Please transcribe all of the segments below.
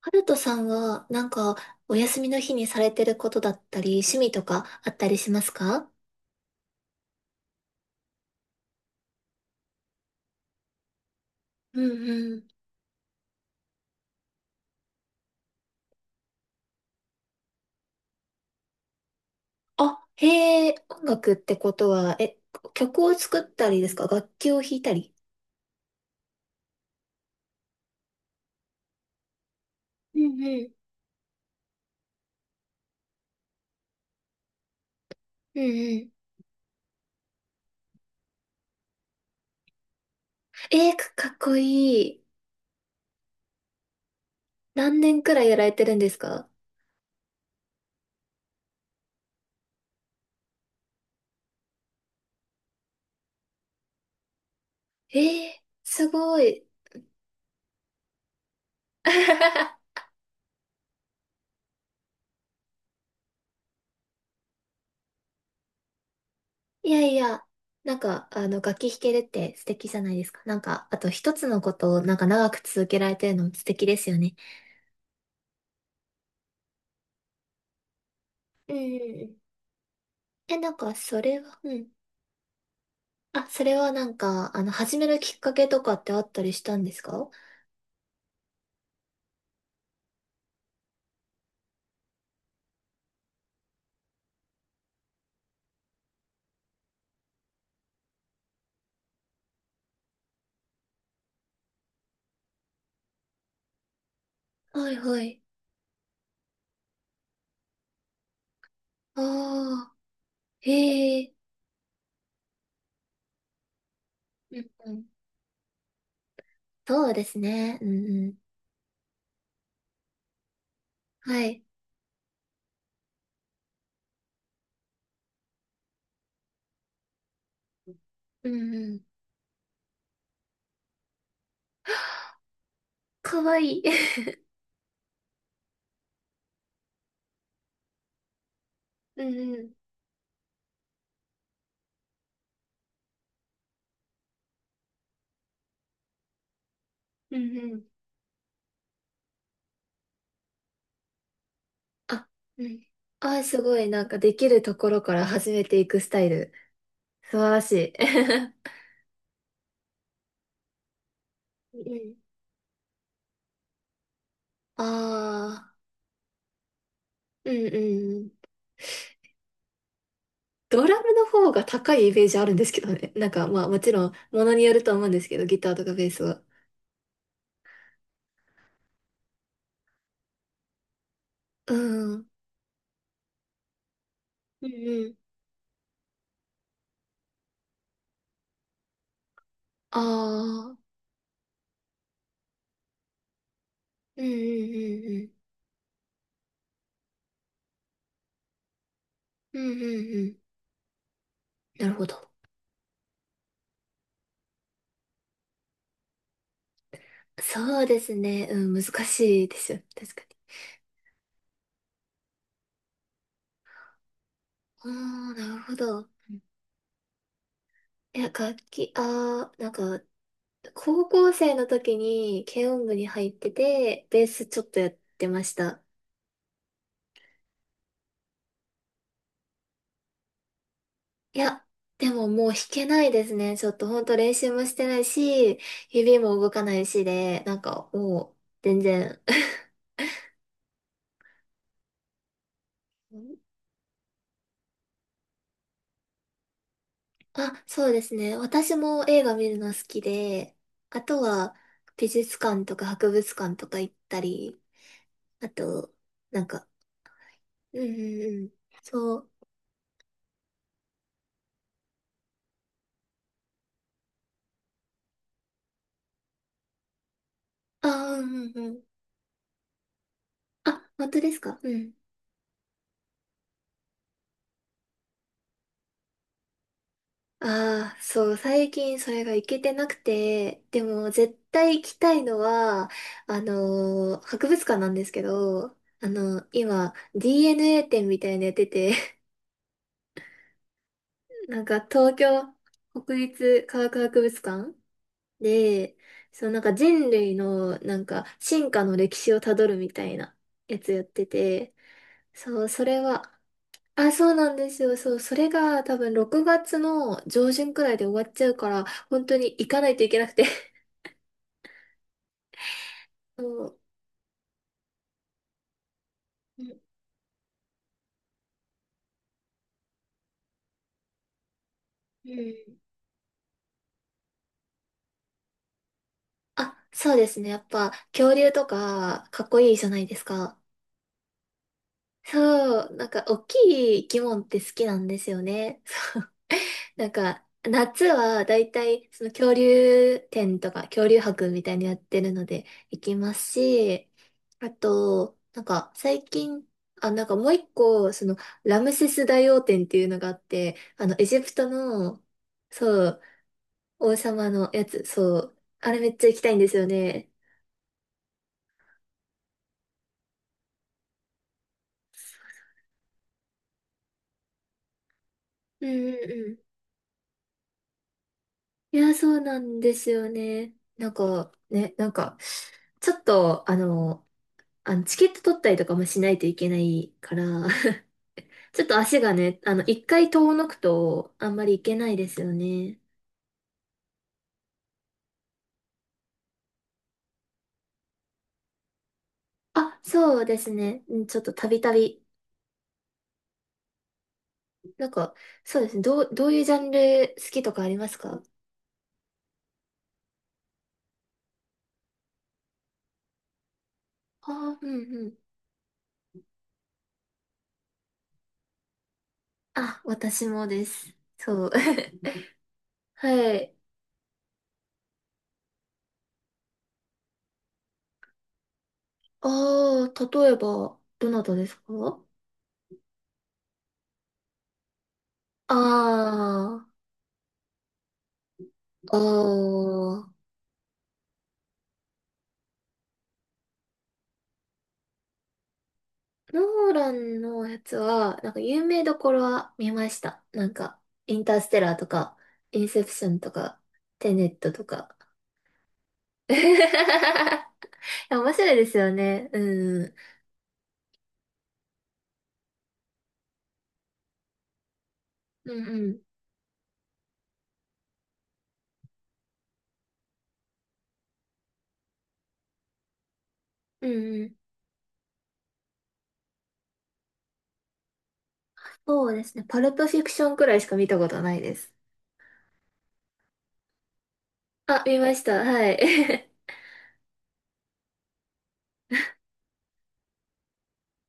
ハルトさんは、なんか、お休みの日にされてることだったり、趣味とかあったりしますか？うんうん。あ、へえ、音楽ってことは、曲を作ったりですか？楽器を弾いたり？うんうん。うんうん。かっこいい。何年くらいやられてるんですか？すごい。いやいや、なんか、楽器弾けるって素敵じゃないですか。なんか、あと一つのことを、なんか長く続けられてるのも素敵ですよね。うんうん。え、なんか、それは、うん。あ、それはなんか、始めるきっかけとかってあったりしたんですか？はいはい。ああ、へえ。うんうん。そうですね。うんうん。はい。うんうん。かわいい。うんうん。うんうん。あ、うん。あー、すごい。なんか、できるところから始めていくスタイル。素晴らしい。うんうん。ああ、うんうん。ドラムの方が高いイメージあるんですけどね。なんかまあもちろんものによると思うんですけど、ギターとかベースは。うん。うんうん。ああ。うんうんうんうん。うんうんうん。なるほど。そうですね。うん、難しいですよ。確かに。ああ、なるほど。いや、楽器、ああ、なんか、高校生の時に軽音部に入ってて、ベースちょっとやってました。いや、でももう弾けないですね。ちょっとほんと練習もしてないし、指も動かないしで、なんかもう全然。あ、そうですね。私も映画見るの好きで、あとは美術館とか博物館とか行ったり、あと、なんか、うんうんうん。そう。あー、うんうんうん。あ、本当ですか？うん。ああ、そう、最近それが行けてなくて、でも絶対行きたいのは、あのー博物館なんですけど、今、DNA 展みたいなのやってて、なんか東京国立科学博物館で、そのなんか人類のなんか進化の歴史をたどるみたいなやつやってて、そう、それは、あ、そうなんですよ。そう、それが多分6月の上旬くらいで終わっちゃうから、本当に行かないといけなくて。そう。うん。うん。あ、そうですね。やっぱ恐竜とかかっこいいじゃないですか。そう、なんか大きい生き物って好きなんですよね。そう、なんか夏はだいたいその恐竜展とか恐竜博みたいにやってるので行きますし、あと、なんか最近、あ、なんかもう一個、そのラムセス大王展っていうのがあって、あのエジプトの、そう、王様のやつ、そう。あれめっちゃ行きたいんですよね。うんうんうん。いや、そうなんですよね。なんか、ね、なんか、ちょっと、あのチケット取ったりとかもしないといけないから、ちょっと足がね、一回遠のくと、あんまり行けないですよね。あ、そうですね。うん、ちょっとたびたび。なんか、そうですね。どういうジャンル好きとかありますか？ああー、うんうん。あ、私もです。そう。はい。ああ、例えば、どなたですか？ああ、ああ、ノーランのやつは、なんか有名どころは見ました。なんか、インターステラーとか、インセプションとか、テネットとか。いや面白いですよね。うん。うんうん。うんうん。そうですね。パルプフィクションくらいしか見たことないです。あ、見ました。はい。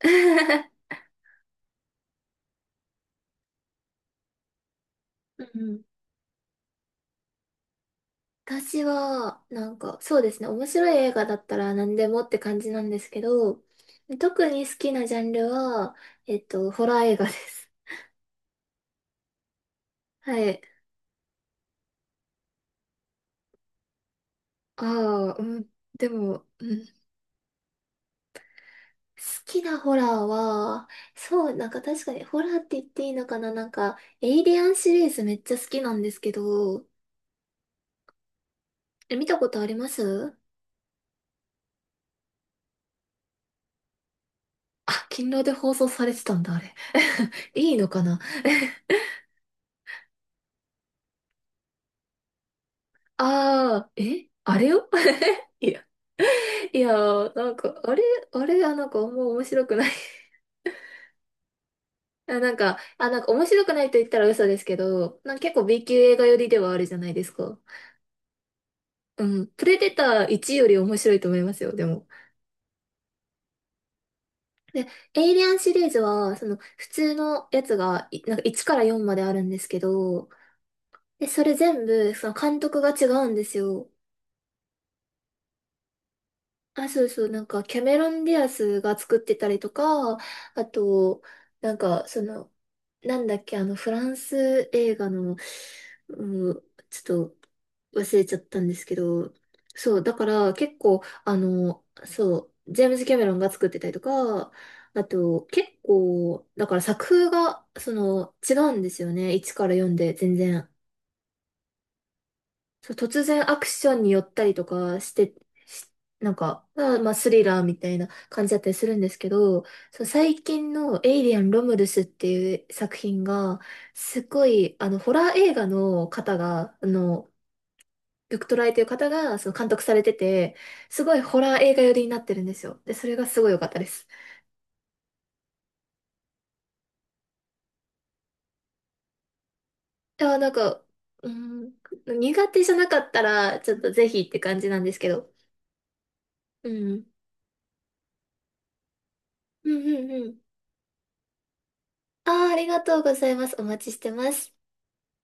うんうん。私は、なんか、そうですね、面白い映画だったら何でもって感じなんですけど、特に好きなジャンルは、ホラー映画です。はい。ああ、うん。でも、うん。好きなホラーは、そう、なんか確かにホラーって言っていいのかな、なんか、エイリアンシリーズめっちゃ好きなんですけど、え、見たことあります？あ、勤労で放送されてたんだ、あれ。いいのかな。 ああー、え、あれよ。 いやいやー、なんか、あれはなんかあんま面白くない。 あ、なんか面白くないと言ったら嘘ですけど、なんか結構 B 級映画寄りではあるじゃないですか。うん。プレデター1より面白いと思いますよ、でも。で、エイリアンシリーズは、その、普通のやつが、なんか1から4まであるんですけど、で、それ全部、その監督が違うんですよ。あ、そうそう、なんか、キャメロン・ディアスが作ってたりとか、あと、なんか、その、なんだっけ、あの、フランス映画の、うん、ちょっと忘れちゃったんですけど、そう、だから結構、そう、ジェームズ・キャメロンが作ってたりとか、あと、結構、だから作風が、その、違うんですよね。1から4で全然。そう、突然アクションに寄ったりとかして、しなんか、まあスリラーみたいな感じだったりするんですけど、そう、最近のエイリアン・ロムルスっていう作品が、すごい、ホラー映画の方が、ビクトライという方が、その監督されてて、すごいホラー映画寄りになってるんですよ。で、それがすごい良かったです。いや、なんか、うん、苦手じゃなかったら、ちょっとぜひって感じなんですけど。うん。うんうんうん。ああ、ありがとうございます。お待ちしてます。